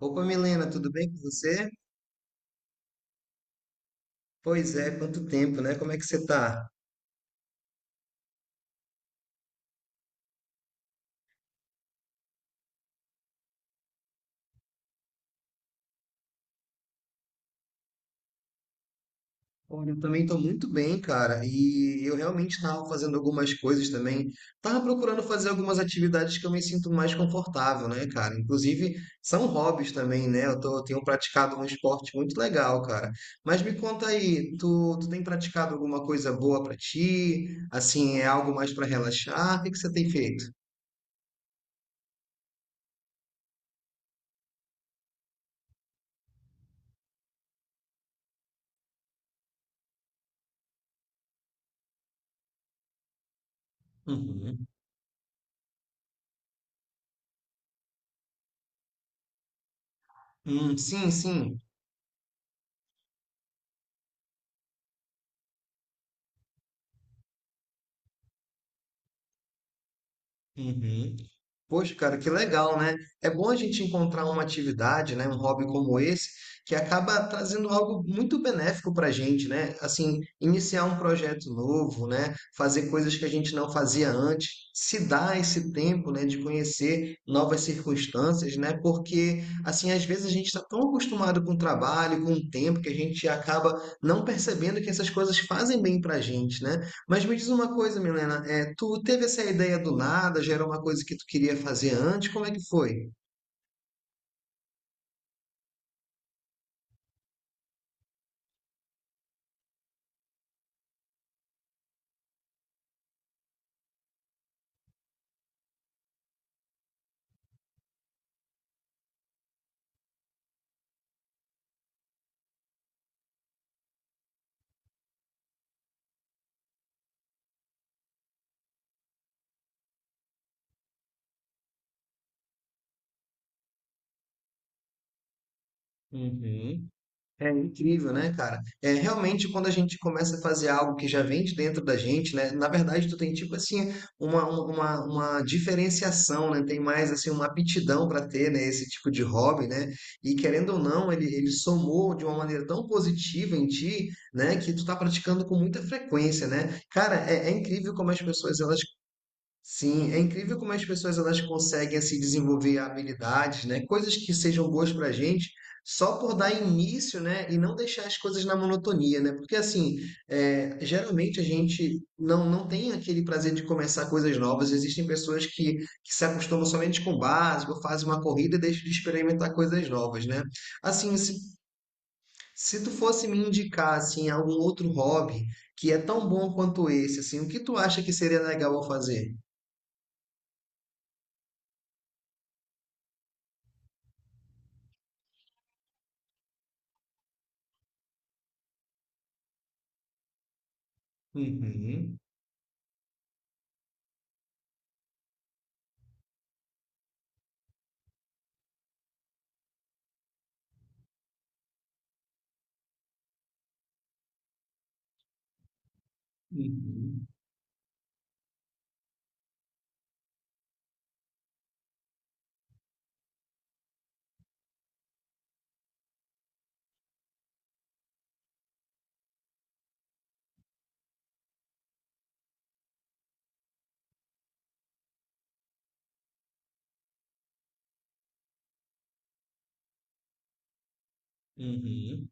Opa, Milena, tudo bem com você? Pois é, quanto tempo, né? Como é que você tá? Olha, eu também tô muito bem, cara. E eu realmente tava fazendo algumas coisas também. Tava procurando fazer algumas atividades que eu me sinto mais confortável, né, cara? Inclusive, são hobbies também, né? Tenho praticado um esporte muito legal, cara. Mas me conta aí, tu tem praticado alguma coisa boa pra ti? Assim, é algo mais pra relaxar? O que que você tem feito? Uhum. Sim, sim. Uhum. Poxa, cara, que legal, né? É bom a gente encontrar uma atividade, né, um hobby como esse, que acaba trazendo algo muito benéfico para a gente, né? Assim, iniciar um projeto novo, né? Fazer coisas que a gente não fazia antes, se dar esse tempo, né, de conhecer novas circunstâncias, né? Porque, assim, às vezes a gente está tão acostumado com o trabalho, com o tempo, que a gente acaba não percebendo que essas coisas fazem bem para a gente, né? Mas me diz uma coisa, Milena, é, tu teve essa ideia do nada, já era uma coisa que tu queria fazer antes, como é que foi? Uhum. É incrível, né, cara? É realmente quando a gente começa a fazer algo que já vem de dentro da gente, né? Na verdade, tu tem tipo assim uma diferenciação, né? Tem mais assim uma aptidão para ter, né, esse tipo de hobby, né? E querendo ou não, ele somou de uma maneira tão positiva em ti, né, que tu tá praticando com muita frequência, né? Cara, é incrível como as pessoas elas Sim, é incrível como as pessoas elas conseguem se desenvolver habilidades, né? Coisas que sejam boas para a gente, só por dar início, né? E não deixar as coisas na monotonia, né? Porque assim, é, geralmente a gente não, não tem aquele prazer de começar coisas novas. Existem que se acostumam somente com o básico, fazem uma corrida e deixam de experimentar coisas novas, né? Assim, se tu fosse me indicar assim algum outro hobby que é tão bom quanto esse, assim, o que tu acha que seria legal eu fazer? Uhum. Uhum, uhum.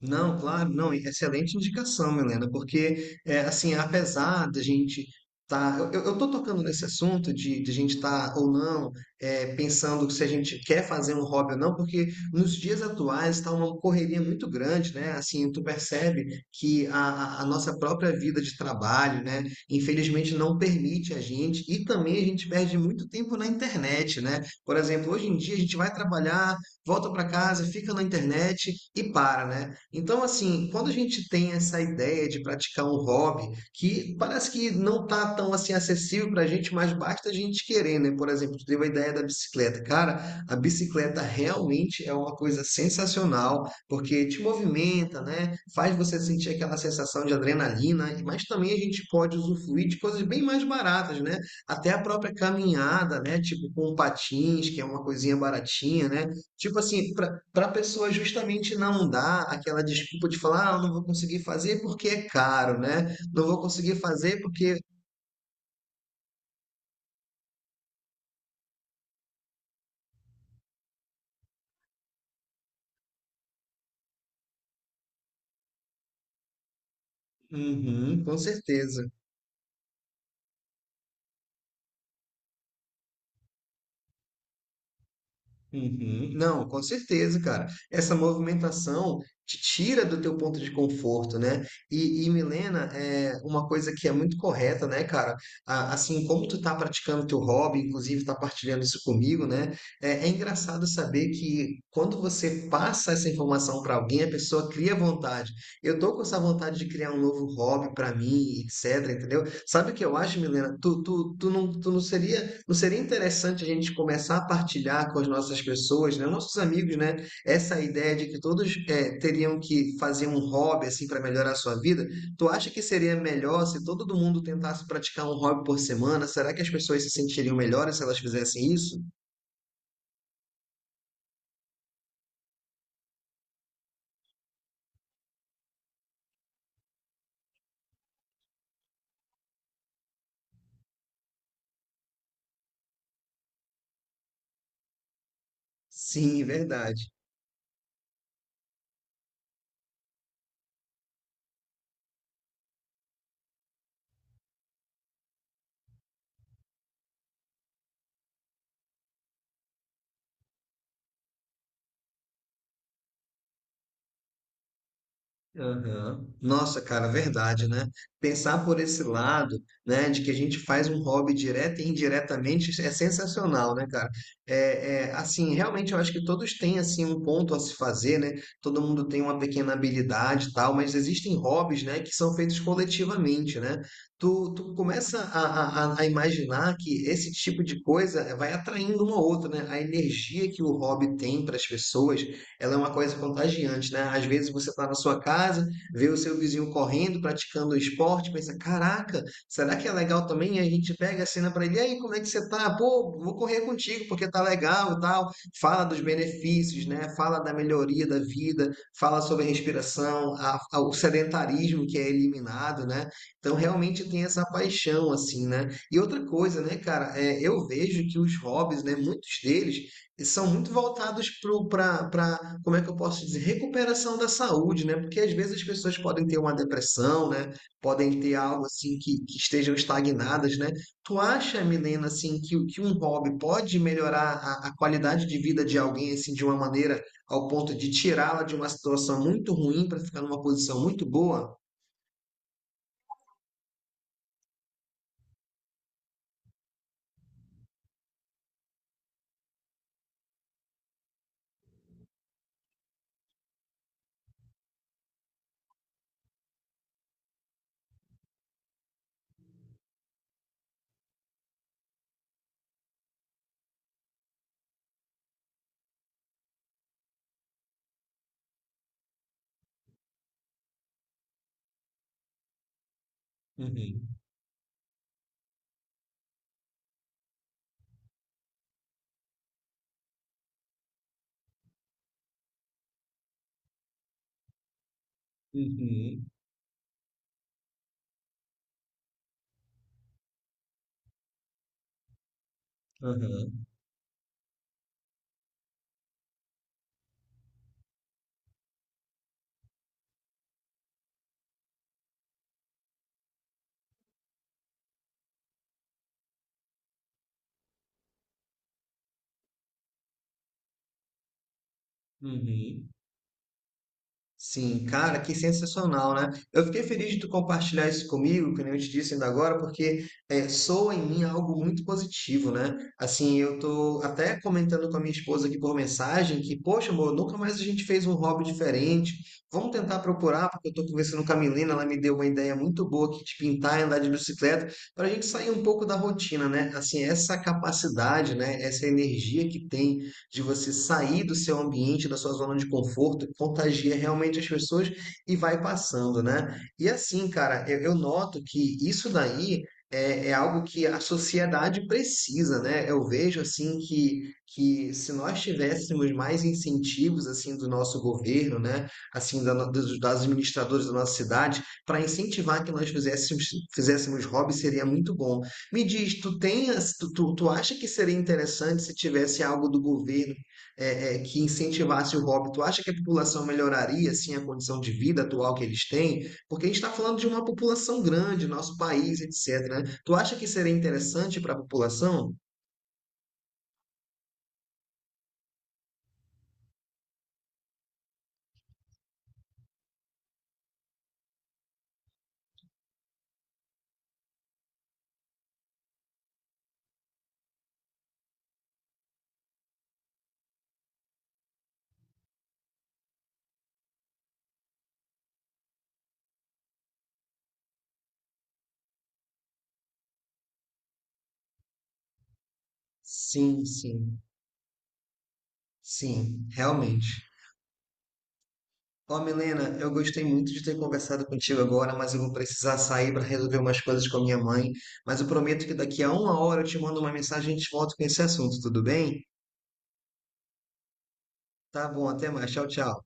Não, claro, não, e excelente indicação, Milena, porque, é, assim, apesar da gente tá, eu tô tocando nesse assunto de a gente estar ou não é, pensando se a gente quer fazer um hobby ou não, porque nos dias atuais está uma correria muito grande, né? Assim, tu percebe que a, a nossa própria vida de trabalho, né, infelizmente não permite a gente, e também a gente perde muito tempo na internet, né? Por exemplo, hoje em dia a gente vai trabalhar volta para casa, fica na internet e para, né? Então, assim, quando a gente tem essa ideia de praticar um hobby que parece que não tá tão assim acessível para a gente, mas basta a gente querer, né? Por exemplo, tu teve a ideia da bicicleta. Cara, a bicicleta realmente é uma coisa sensacional, porque te movimenta, né? Faz você sentir aquela sensação de adrenalina, mas também a gente pode usufruir de coisas bem mais baratas, né? Até a própria caminhada, né? Tipo com patins, que é uma coisinha baratinha, né? Tipo assim, para a pessoa justamente não dar aquela desculpa de falar, ah, eu não vou conseguir fazer porque é caro, né? Não vou conseguir fazer porque. Uhum, com certeza. Uhum. Não, com certeza, cara. Essa movimentação te tira do teu ponto de conforto, né? Milena, é uma coisa que é muito correta, né, cara? Assim como tu tá praticando teu hobby, inclusive tá partilhando isso comigo, né? É engraçado saber que quando você passa essa informação para alguém, a pessoa cria vontade. Eu tô com essa vontade de criar um novo hobby para mim, etc, entendeu? Sabe o que eu acho, Milena? Tu não seria não seria interessante a gente começar a partilhar com as nossas pessoas, né, nossos amigos, né, essa ideia de que todos eh, teriam que fazer um hobby assim para melhorar a sua vida? Tu acha que seria melhor se todo mundo tentasse praticar um hobby por semana? Será que as pessoas se sentiriam melhores se elas fizessem isso? Sim, verdade. Aham. Nossa, cara, verdade, né? Pensar por esse lado, né, de que a gente faz um hobby direta e indiretamente é sensacional, né, cara? Assim, realmente eu acho que todos têm assim um ponto a se fazer, né? Todo mundo tem uma pequena habilidade e tal, mas existem hobbies, né, que são feitos coletivamente, né? Tu começa a a imaginar que esse tipo de coisa vai atraindo uma outra, né? A energia que o hobby tem para as pessoas ela é uma coisa contagiante, né? Às vezes você está na sua casa, vê o seu vizinho correndo, praticando esporte, pensa, caraca, será que é legal também? E a gente pega a cena para ele, e aí, como é que você tá? Pô, vou correr contigo porque tá legal e tal. Fala dos benefícios, né? Fala da melhoria da vida, fala sobre a respiração, o sedentarismo que é eliminado, né? Então, realmente tem essa paixão, assim, né? E outra coisa, né, cara, é, eu vejo que os hobbies, né, muitos deles, e são muito voltados para, como é que eu posso dizer, recuperação da saúde, né? Porque às vezes as pessoas podem ter uma depressão, né? Podem ter algo assim que estejam estagnadas, né? Tu acha, Milena, assim, que, que um hobby pode melhorar a qualidade de vida de alguém, assim, de uma maneira ao ponto de tirá-la de uma situação muito ruim para ficar numa posição muito boa? Uhum, uhum, aham, uhum. Sim, cara, que sensacional, né? Eu fiquei feliz de tu compartilhar isso comigo, que nem eu te disse ainda agora, porque é, soa em mim algo muito positivo, né? Assim, eu tô até comentando com a minha esposa aqui por mensagem que, poxa, amor, nunca mais a gente fez um hobby diferente. Vamos tentar procurar, porque eu tô conversando com a Milena, ela me deu uma ideia muito boa aqui de pintar e andar de bicicleta, para a gente sair um pouco da rotina, né? Assim, essa capacidade, né? Essa energia que tem de você sair do seu ambiente, da sua zona de conforto, contagia realmente as pessoas e vai passando, né? E assim, cara, eu noto que isso daí é, é algo que a sociedade precisa, né? Eu vejo assim que se nós tivéssemos mais incentivos assim do nosso governo, né? Assim, da, no- dos, das administradores da nossa cidade, para incentivar que nós fizéssemos, fizéssemos hobby seria muito bom. Me diz, tu tem, as- tu, tu, tu acha que seria interessante se tivesse algo do governo que incentivasse o hobby? Tu acha que a população melhoraria assim a condição de vida atual que eles têm? Porque a gente está falando de uma população grande, nosso país, etc. né? Tu acha que seria interessante para a população? Sim, sim, sim, realmente. Ó, Milena, eu gostei muito de ter conversado contigo agora, mas eu vou precisar sair para resolver umas coisas com a minha mãe. Mas eu prometo que daqui a uma hora eu te mando uma mensagem e a gente volta com esse assunto, tudo bem? Tá bom, até mais. Tchau, tchau.